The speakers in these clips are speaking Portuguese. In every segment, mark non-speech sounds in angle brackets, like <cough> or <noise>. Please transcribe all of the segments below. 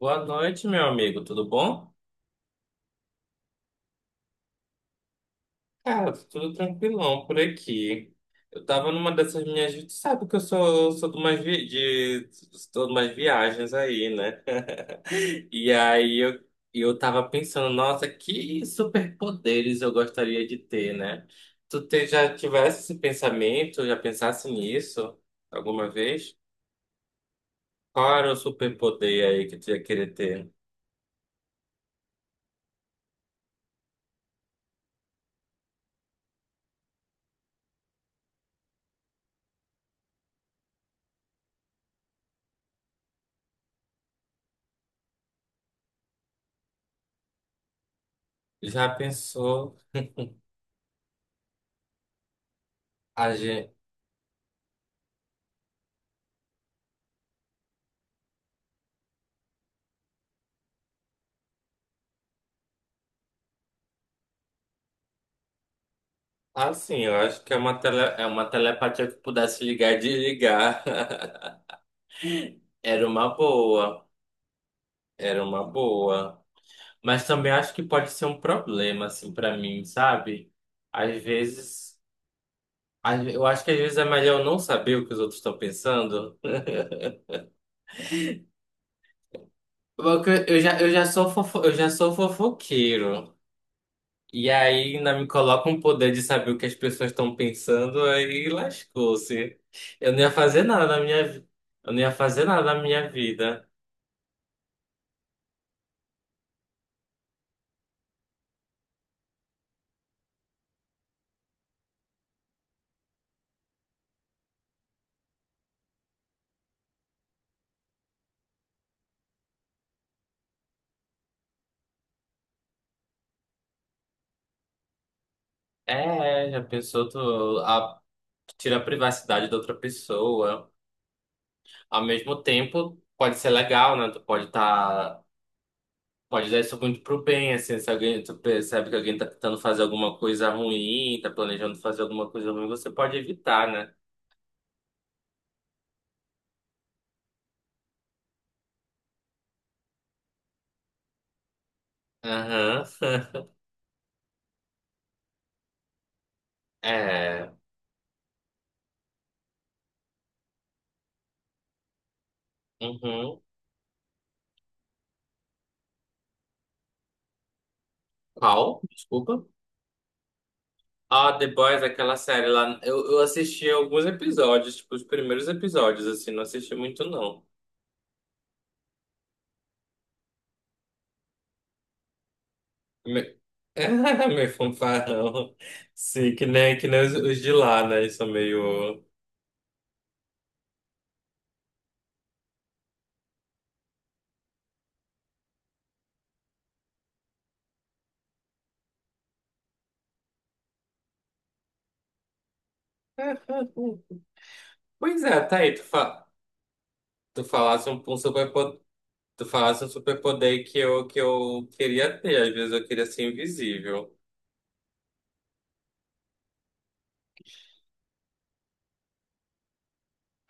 Boa noite, meu amigo. Tudo bom? Cara, tô tudo tranquilão por aqui. Eu tava numa dessas minhas. Tu sabe que eu sou, sou de umas, vi... de... sou de umas viagens aí, né? <laughs> E aí eu, eu tava pensando, nossa, que superpoderes eu gostaria de ter, né? Já tivesse esse pensamento, já pensasse nisso alguma vez? Qual era o superpoder aí que tu ia querer ter? Já pensou? Assim, eu acho que é uma, tele, é uma telepatia que pudesse ligar e desligar. <laughs> Era uma boa, era uma boa. Mas também acho que pode ser um problema, assim, pra mim, sabe? Às vezes, eu acho que às vezes é melhor eu não saber o que os outros estão pensando. Porque eu já sou fofo, eu já sou fofoqueiro. E aí ainda me coloca um poder de saber o que as pessoas estão pensando, aí lascou-se. Eu não ia fazer nada na minha, vi- eu não ia fazer nada na minha vida. É, já pensou tu a, tira a privacidade da outra pessoa. Ao mesmo tempo, pode ser legal, né? Pode dar isso muito pro bem, assim, se alguém, tu percebe que alguém tá tentando fazer alguma coisa ruim, tá planejando fazer alguma coisa ruim, você pode evitar, né? Aham. É. Uhum. Qual? Desculpa. Ah, The Boys, aquela série lá. Eu assisti alguns episódios, tipo, os primeiros episódios, assim, não assisti muito, não. Me... <laughs> Meio fanfarrão. Sim, que nem os de lá, né? Isso é meio. <laughs> Pois é, tá aí. Tu falasse um, um superpoder. Tu falasse um superpoder que que eu queria ter. Às vezes eu queria ser invisível.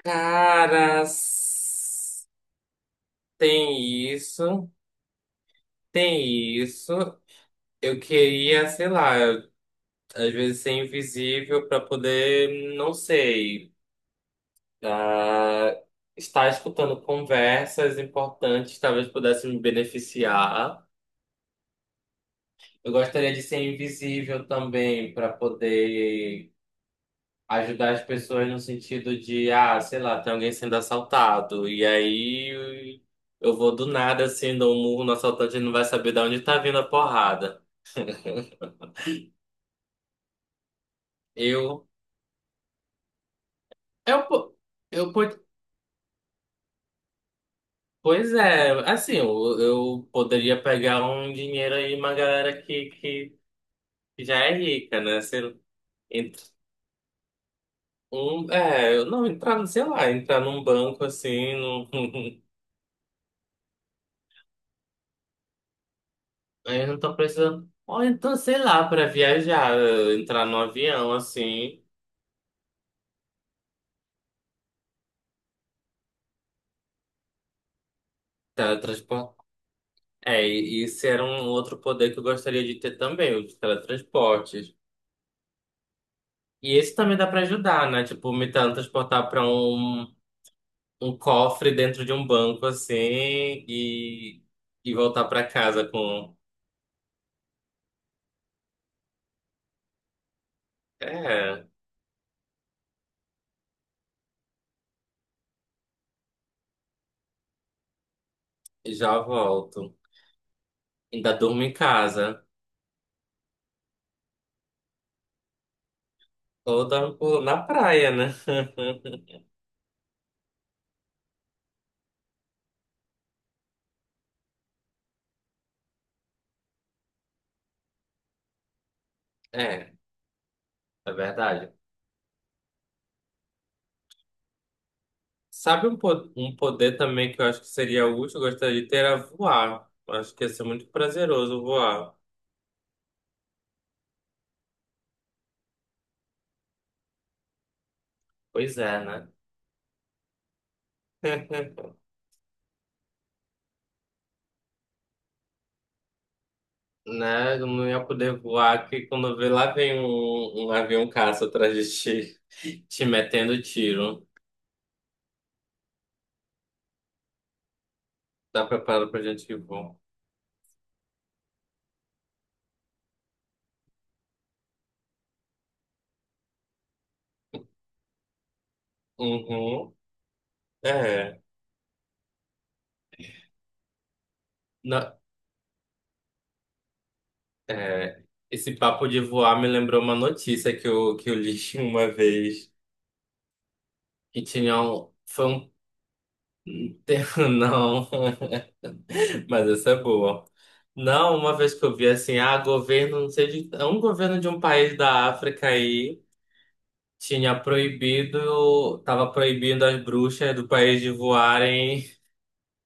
Cara, s- tem isso. Tem isso. Eu queria, sei lá, eu- às vezes ser invisível para poder, não sei. Ah, estar escutando conversas importantes, talvez pudesse me beneficiar. Eu gostaria de ser invisível também para poder ajudar as pessoas no sentido de, ah, sei lá, tem alguém sendo assaltado e aí eu vou do nada assim, dou um murro no assaltante, ele não vai saber de onde tá vindo a porrada. Eu, eu, po- eu, po- pois é, assim, eu poderia pegar um dinheiro aí, uma galera que já é rica, né? Ent- não, entrar, sei lá, entrar num banco assim, <laughs> aí eu não tô precisando. Ou então, sei lá, para viajar, eh, entrar num avião assim, teletransporte. É, e esse era um outro poder que eu gostaria de ter também, os teletransportes. E esse também dá para ajudar, né? Tipo, me teletransportar para um, um cofre dentro de um banco assim e voltar para casa com. É, já volto. Ainda durmo em casa. Ou dar um pulo na praia, né? <laughs> É, é verdade. Um poder também que eu acho que seria útil, eu gostaria de ter, era voar. Eu acho que ia ser muito prazeroso voar. Pois é, né? <laughs> Né? Eu não ia poder voar que quando vê lá vem um avião caça atrás de ti, <laughs> te metendo tiro. Tá preparado pra gente que voa? Uhum. É. Na- é. Esse papo de voar me lembrou uma notícia que que eu li <laughs> uma vez. Quintilhão foi um. <laughs> tem- Não, <laughs> mas essa é boa. Não, uma vez que eu vi assim, ah, governo, não sei de. É um governo de um país da África aí tava proibindo as bruxas do país de voarem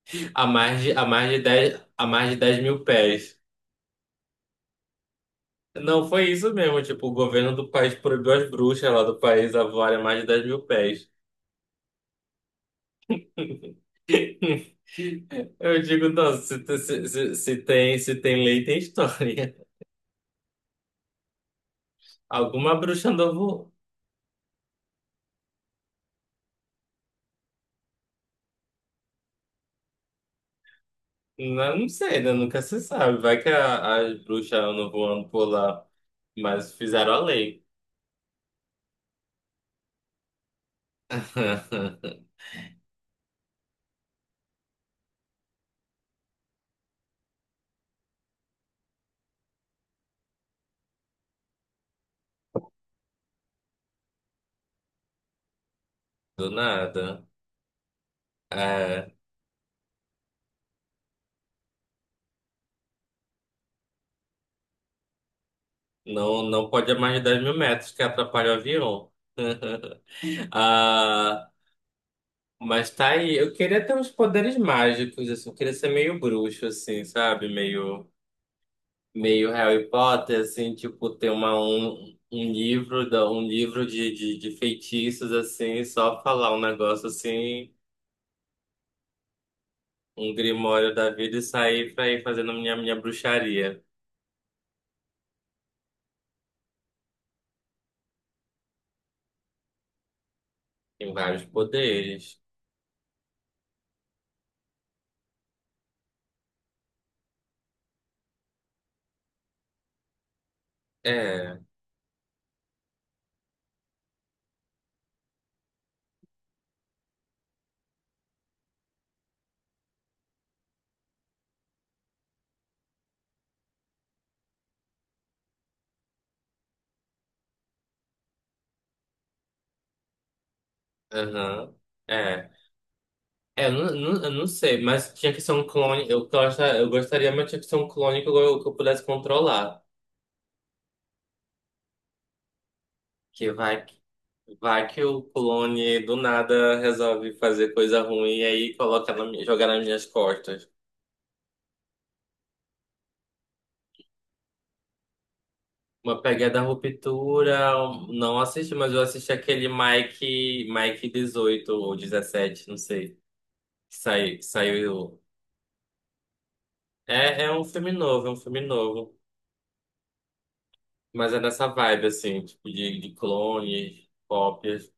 <laughs> a mais de 10 mil pés. Não, foi isso mesmo, tipo, o governo do país proibiu as bruxas lá do país a voarem a mais de 10.000 pés. <laughs> Eu digo, não, se tem lei, tem história. Alguma bruxa novo. Não, não sei, né? Nunca se sabe. Vai que as bruxas andam voando por lá. Mas fizeram a lei. <laughs> Do nada. É, não, não pode a mais de 10.000 metros que atrapalha o avião. <laughs> Ah, mas tá aí. Eu queria ter uns poderes mágicos, assim. Eu queria ser meio bruxo, assim, sabe? Meio Harry Potter, assim. Tipo, um livro, um livro de feitiços, assim. Só falar um negócio, assim. Um grimório da vida e sair pra ir fazendo minha bruxaria. Tem vários poderes. É, aham, é. Eu não sei, mas tinha que ser um clone. Eu gostaria, mas tinha que ser um clone que eu pudesse controlar. Que vai, que- vai que o clone do nada resolve fazer coisa ruim e aí jogar nas minhas costas. Uma pegada ruptura, não assisti, mas eu assisti aquele Mike 18 ou 17, não sei. Saiu, saiu. É, é um filme novo, é um filme novo. Mas é nessa vibe, assim, tipo, de clones, cópias.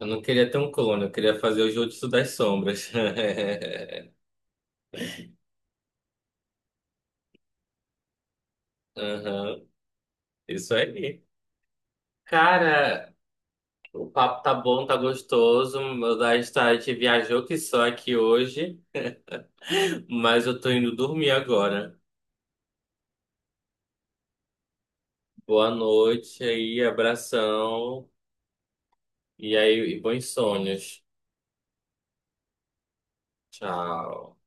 Eu não queria ter um clone, eu queria fazer o Jutsu das Sombras. <laughs> Aham, isso aí. Cara, o papo tá bom, tá gostoso. Meu, da gente viajou que só aqui hoje, mas eu tô indo dormir agora. Boa noite aí, abração. E aí, e bons sonhos. Tchau.